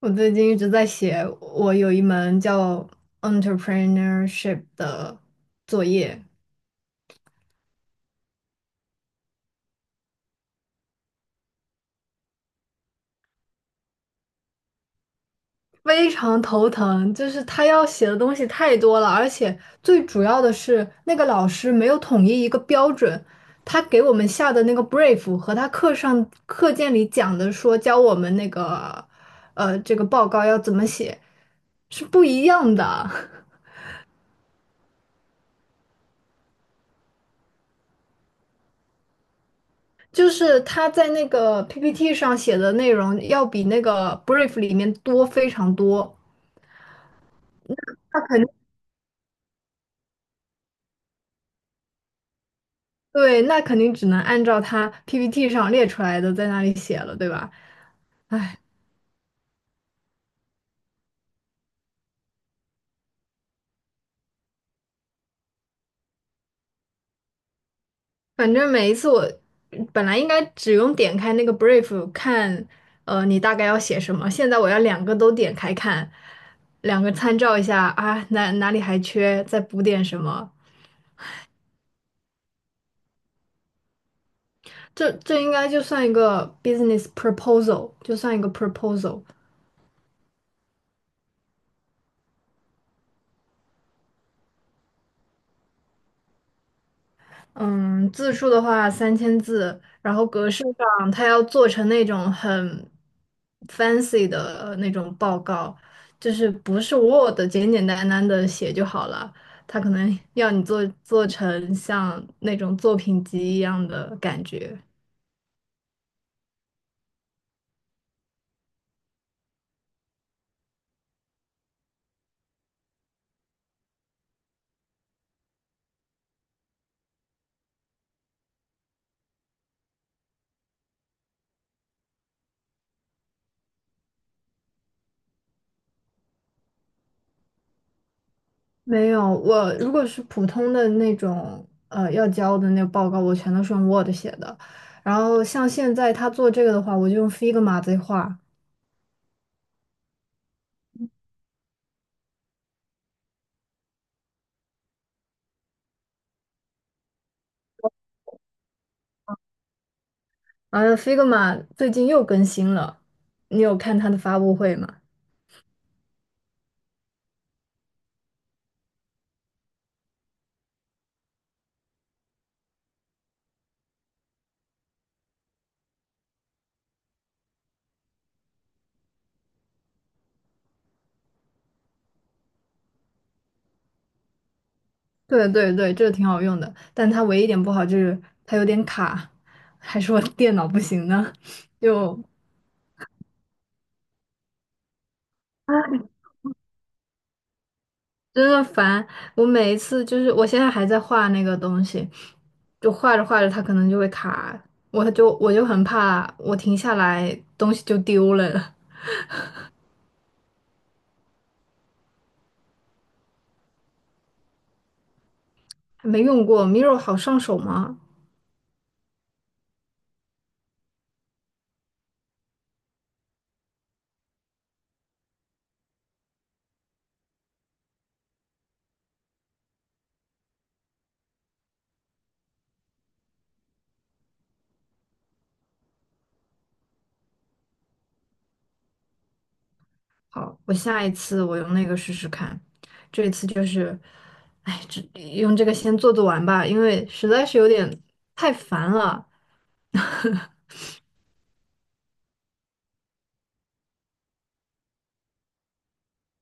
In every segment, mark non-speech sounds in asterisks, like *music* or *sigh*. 我最近一直在写，我有一门叫 entrepreneurship 的作业，非常头疼，就是他要写的东西太多了，而且最主要的是那个老师没有统一一个标准，他给我们下的那个 brief 和他课上课件里讲的说教我们那个这个报告要怎么写是不一样的。*laughs* 就是他在那个 PPT 上写的内容要比那个 brief 里面多非常多，他肯定对，那肯定只能按照他 PPT 上列出来的在那里写了，对吧？反正每一次我本来应该只用点开那个 brief 看，你大概要写什么，现在我要两个都点开看，两个参照一下啊，哪里还缺，再补点什么。这应该就算一个 business proposal，就算一个 proposal。嗯，字数的话3000字，然后格式上它要做成那种很 fancy 的那种报告，就是不是 Word 简简单单的写就好了，它可能 *laughs* 要你做成像那种作品集一样的感觉。没有，我如果是普通的那种要交的那个报告，我全都是用 Word 写的，然后像现在他做这个的话，我就用 Figma 在画。哎 f i g m a 最近又更新了，你有看它的发布会吗？对对对，这个挺好用的，但它唯一一点不好就是它有点卡，还是我电脑不行呢，*laughs* 就唉真的烦。我每一次就是我现在还在画那个东西，就画着画着它可能就会卡，我就很怕我停下来东西就丢了。还没用过 Miro 好上手吗？好，我下一次我用那个试试看。这一次就是，哎，这用这个先做做完吧，因为实在是有点太烦了。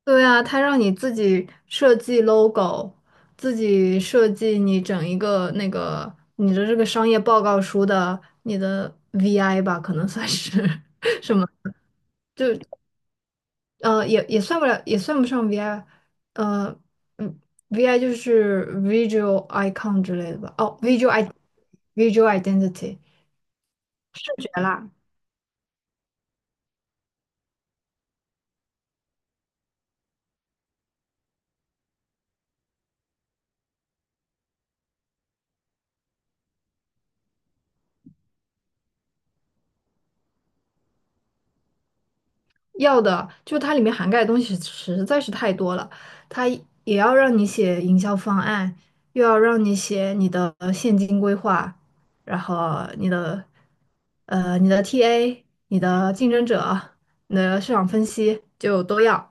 对啊，他让你自己设计 logo，自己设计你整一个那个你的这个商业报告书的你的 VI 吧，可能算是，*laughs* 就也算不了，也算不上 VI，呃，嗯，VI 就是 visual icon 之类的吧？哦，visual identity 视觉啦，要的就它里面涵盖的东西实在是太多了，它也要让你写营销方案，又要让你写你的现金规划，然后你的你的 TA、你的竞争者、你的市场分析就都要。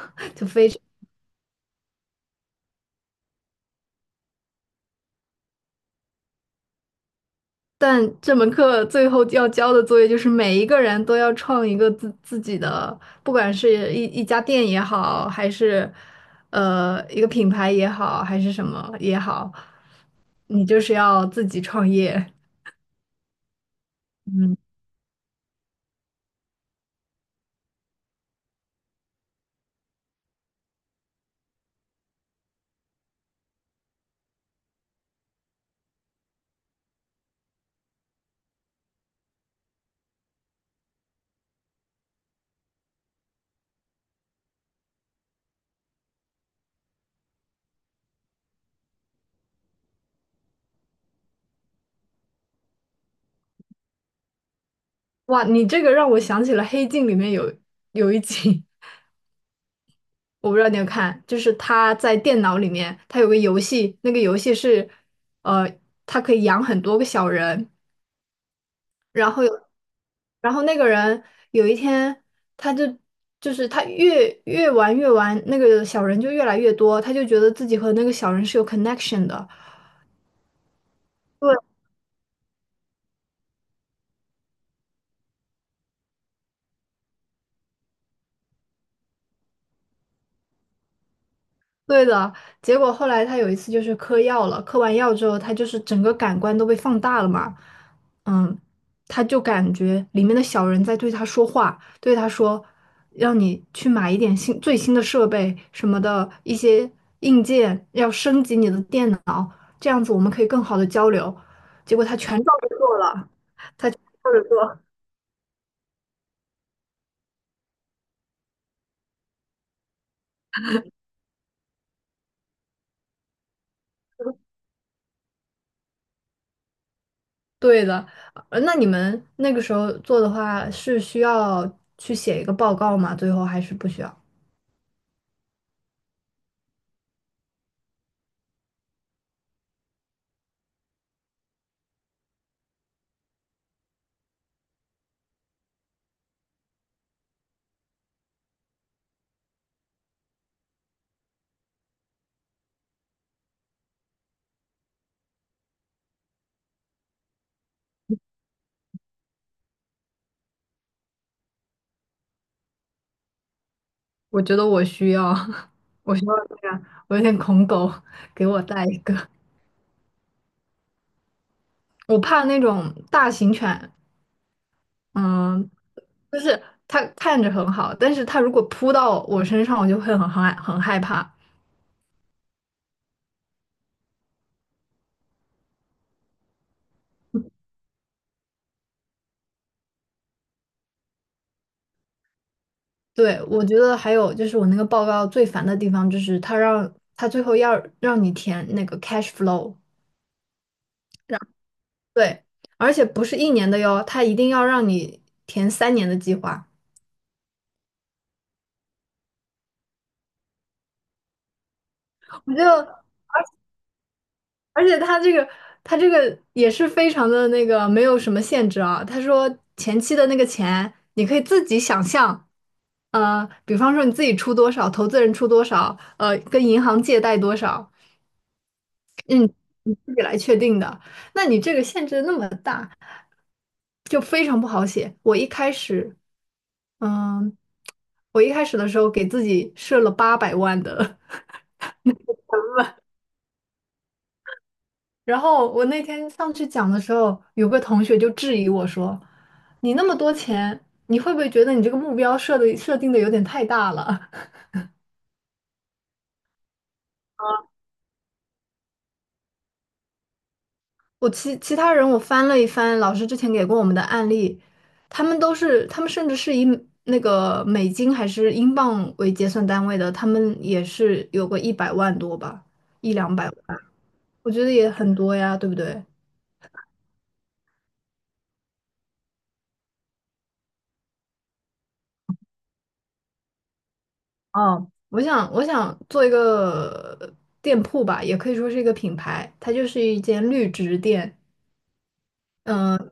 *laughs* 就非但这门课最后要交的作业就是每一个人都要创一个自己的，不管是一家店也好，还是一个品牌也好，还是什么也好，你就是要自己创业。嗯，哇，你这个让我想起了《黑镜》里面有一集，*laughs* 我不知道你有看，就是他在电脑里面，他有个游戏，那个游戏是呃，他可以养很多个小人。然后有，然后那个人有一天，他就就是他越玩越玩，那个小人就越来越多，他就觉得自己和那个小人是有 connection 的。对对的，结果后来他有一次就是嗑药了，嗑完药之后，他就是整个感官都被放大了嘛，嗯，他就感觉里面的小人在对他说话，对他说，让你去买一点最新的设备什么的一些硬件，要升级你的电脑。这样子我们可以更好的交流。结果他全照着做了，照着做。对的，呃那你们那个时候做的话是需要去写一个报告吗？最后还是不需要？我觉得我需要，*laughs* 我需要这样，我有点恐狗，*laughs* 给我带一个。我怕那种大型犬，嗯，就是它看着很好，但是它如果扑到我身上，我就会很害怕。对，我觉得还有就是我那个报告最烦的地方，就是他最后要让你填那个 cash flow，让对，而且不是1年的哟，他一定要让你填3年的计划。我就而且他这个也是非常的那个没有什么限制啊。他说前期的那个钱你可以自己想象，呃，比方说你自己出多少，投资人出多少，呃，跟银行借贷多少，嗯，你自己来确定的。那你这个限制那么大。就非常不好写。我一开始，嗯，我一开始的时候给自己设了800万的，*laughs* 然后我那天上去讲的时候，有个同学就质疑我说：“你那么多钱，你会不会觉得你这个目标设定的有点太大了？” *laughs* 我其他人我翻了翻老师之前给过我们的案例，他们甚至是以那个美金还是英镑为结算单位的，他们也是有个100万多吧，一两百。我觉得也很多呀，对不对？哦，我想做一个店铺吧，也可以说是一个品牌，它就是一间绿植店，嗯、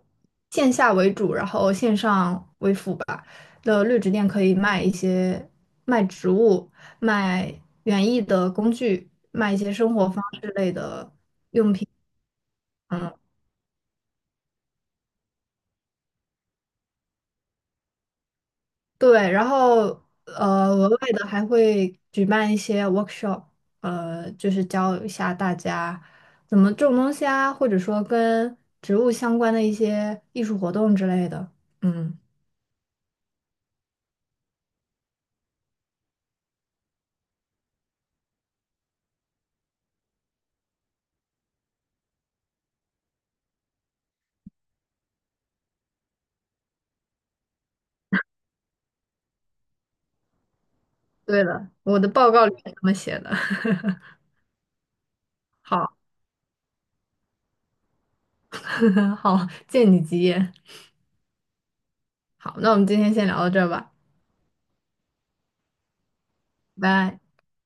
线下为主，然后线上为辅吧。的绿植店可以卖一些卖植物、卖园艺的工具、卖一些生活方式类的。嗯。对，然后呃，额外的还会举办一些 workshop，呃，就是教一下大家怎么种东西啊，或者说跟植物相关的一些艺术活动之类的。嗯，对了，我的报告里面这么写的。*laughs* 好，*laughs* 好，借你吉言。好，那我们今天先聊到这儿吧，拜拜。